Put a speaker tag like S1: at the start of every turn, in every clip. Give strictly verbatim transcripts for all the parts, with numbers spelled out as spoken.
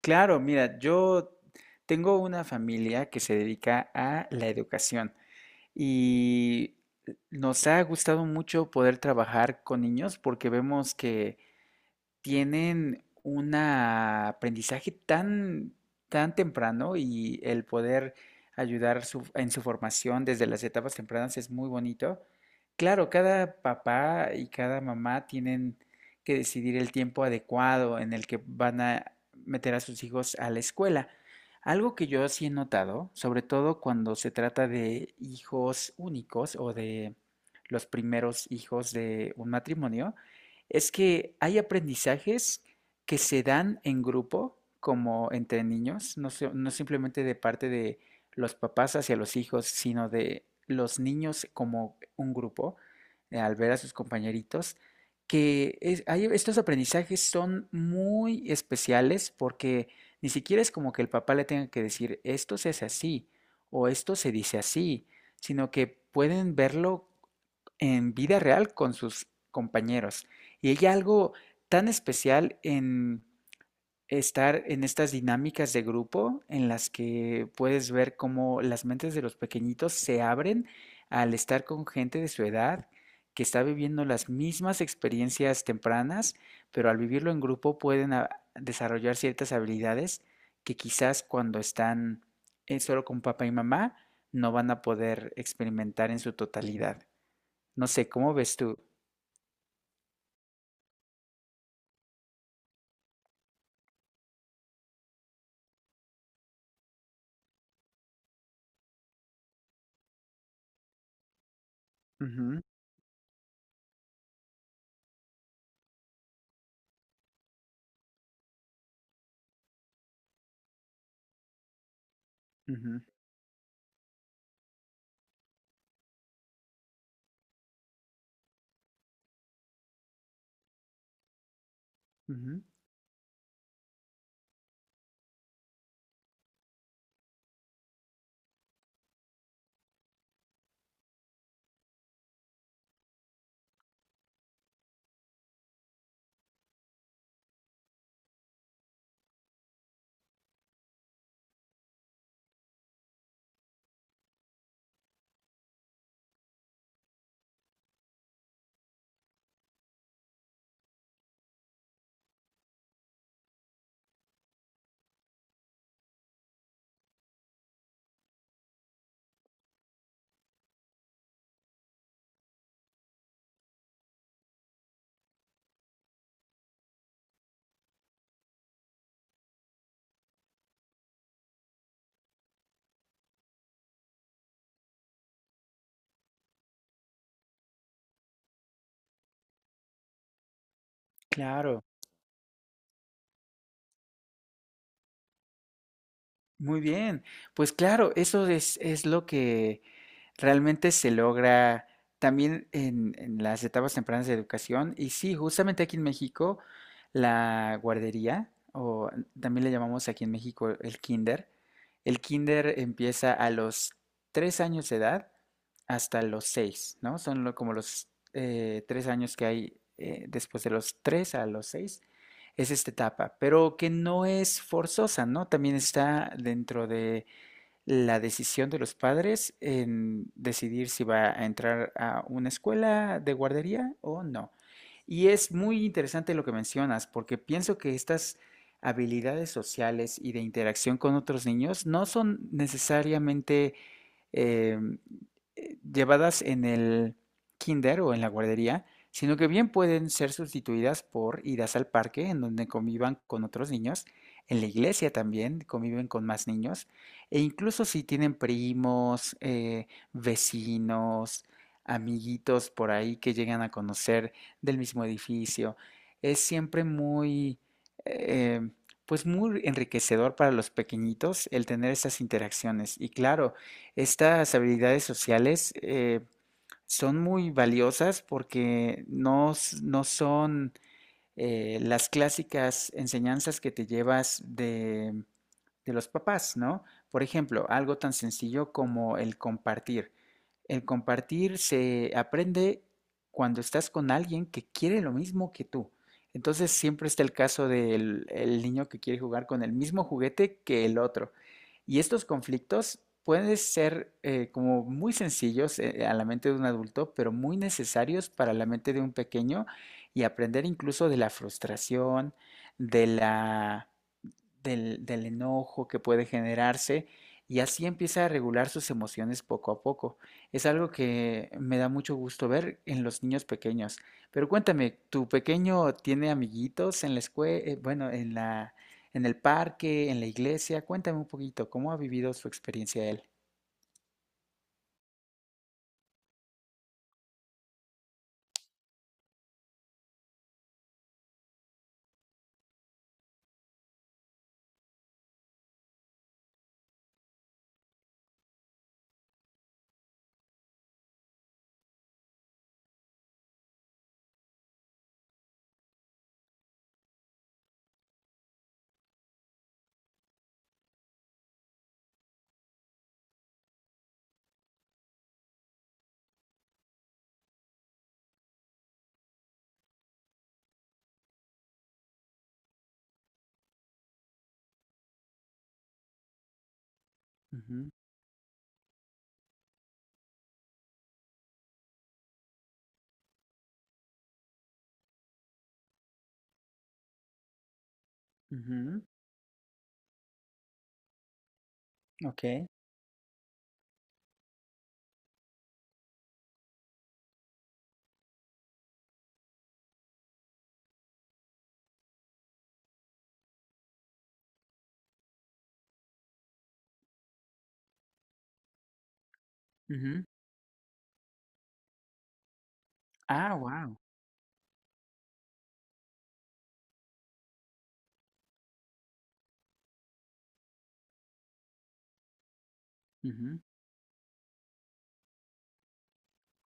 S1: Claro, mira, yo tengo una familia que se dedica a la educación y nos ha gustado mucho poder trabajar con niños porque vemos que tienen un aprendizaje tan, tan temprano y el poder ayudar su- en su formación desde las etapas tempranas es muy bonito. Claro, cada papá y cada mamá tienen que decidir el tiempo adecuado en el que van a meter a sus hijos a la escuela. Algo que yo sí he notado, sobre todo cuando se trata de hijos únicos o de los primeros hijos de un matrimonio, es que hay aprendizajes que se dan en grupo, como entre niños, no, so- no simplemente de parte de los papás hacia los hijos, sino de los niños como un grupo, eh, al ver a sus compañeritos, que es- hay- estos aprendizajes son muy especiales porque ni siquiera es como que el papá le tenga que decir esto se hace así o esto se dice así, sino que pueden verlo en vida real con sus compañeros. Y hay algo tan especial en estar en estas dinámicas de grupo en las que puedes ver cómo las mentes de los pequeñitos se abren al estar con gente de su edad que está viviendo las mismas experiencias tempranas, pero al vivirlo en grupo pueden a- desarrollar ciertas habilidades que quizás cuando están eh, solo con papá y mamá no van a poder experimentar en su totalidad. No sé, ¿cómo ves tú? Ujú, ujú, ujú. Claro, muy bien. Pues claro, eso es, es lo que realmente se logra también en, en las etapas tempranas de educación. Y sí, justamente aquí en México, la guardería, o también le llamamos aquí en México el kinder, el kinder empieza a los tres años de edad hasta los seis, ¿no? Son lo- como los eh, tres años que hay eh, después de los tres a los seis es esta etapa, pero que no es forzosa, ¿no? También está dentro de la decisión de los padres en decidir si va a entrar a una escuela de guardería o no. Y es muy interesante lo que mencionas, porque pienso que estas habilidades sociales y de interacción con otros niños no son necesariamente eh, llevadas en el kinder o en la guardería, sino que bien pueden ser sustituidas por idas al parque, en donde convivan con otros niños, en la iglesia también conviven con más niños, e incluso si tienen primos, eh, vecinos, amiguitos por ahí que llegan a conocer del mismo edificio. Es siempre muy, eh, pues muy enriquecedor para los pequeñitos el tener esas interacciones. Y claro, estas habilidades sociales eh, son muy valiosas porque no, s- no son eh, las clásicas enseñanzas que te llevas de, de los papás, ¿no? Por ejemplo, algo tan sencillo como el compartir. El compartir se aprende cuando estás con alguien que quiere lo mismo que tú. Entonces siempre está el caso del el niño que quiere jugar con el mismo juguete que el otro. Y estos conflictos pueden ser eh, como muy sencillos eh, a la mente de un adulto, pero muy necesarios para la mente de un pequeño y aprender incluso de la frustración, de la, del, del enojo que puede generarse y así empieza a regular sus emociones poco a poco. Es algo que me da mucho gusto ver en los niños pequeños. Pero cuéntame, ¿tu pequeño tiene amiguitos en la escuela, bueno, en la, en el parque, en la iglesia? Cuéntame un poquito, ¿cómo ha vivido su experiencia él? Ujú, ujú, ok, ujú. Ah, wow.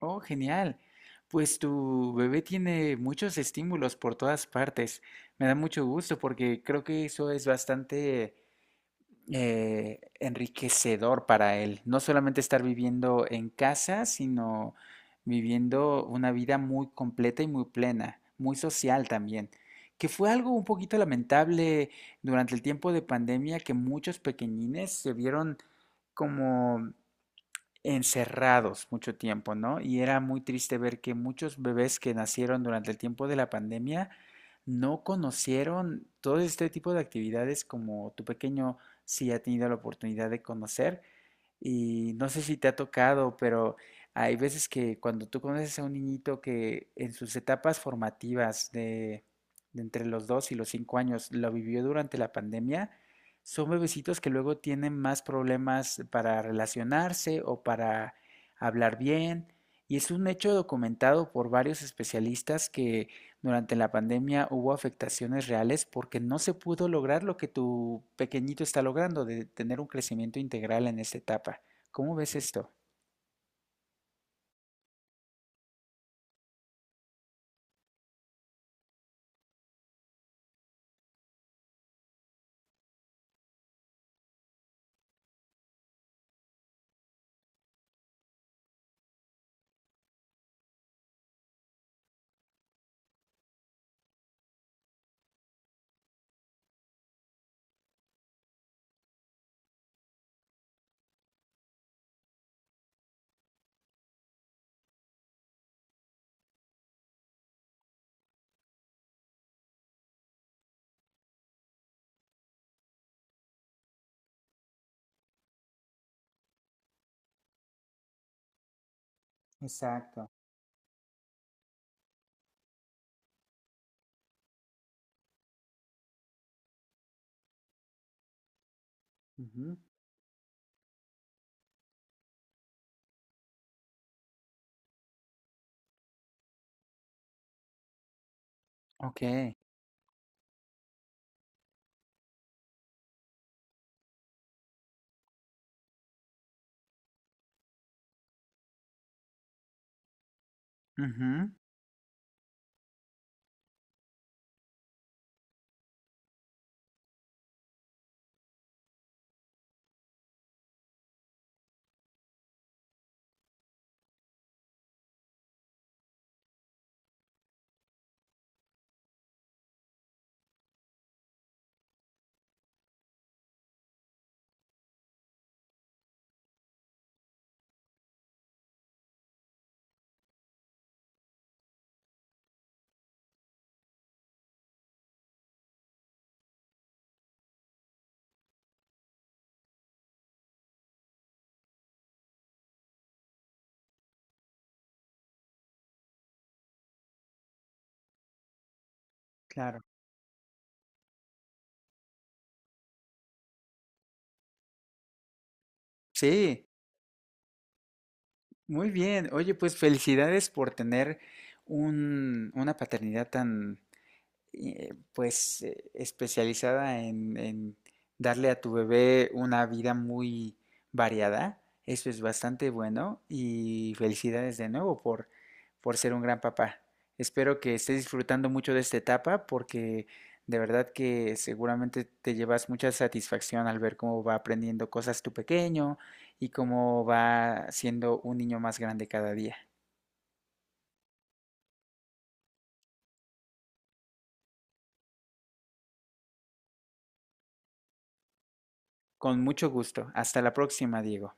S1: Oh, genial. Pues tu bebé tiene muchos estímulos por todas partes. Me da mucho gusto porque creo que eso es bastante eh, enriquecedor para él. No solamente estar viviendo en casa, sino viviendo una vida muy completa y muy plena, muy social también. Que fue algo un poquito lamentable durante el tiempo de pandemia que muchos pequeñines se vieron como encerrados mucho tiempo, ¿no? Y era muy triste ver que muchos bebés que nacieron durante el tiempo de la pandemia no conocieron todo este tipo de actividades como tu pequeño sí ha tenido la oportunidad de conocer y no sé si te ha tocado, pero hay veces que cuando tú conoces a un niñito que en sus etapas formativas de, de entre los dos y los cinco años lo vivió durante la pandemia, son bebecitos que luego tienen más problemas para relacionarse o para hablar bien. Y es un hecho documentado por varios especialistas que durante la pandemia hubo afectaciones reales porque no se pudo lograr lo que tu pequeñito está logrando de tener un crecimiento integral en esta etapa. ¿Cómo ves esto? Exacto. Ujú. Ok. Ujú. Claro. Sí, muy bien. Oye, pues felicidades por tener un- una paternidad tan eh, pues eh, especializada en, en darle a tu bebé una vida muy variada. Eso es bastante bueno y felicidades de nuevo por, por ser un gran papá. Espero que estés disfrutando mucho de esta etapa porque de verdad que seguramente te llevas mucha satisfacción al ver cómo va aprendiendo cosas tu pequeño y cómo va siendo un niño más grande cada día. Con mucho gusto. Hasta la próxima, Diego.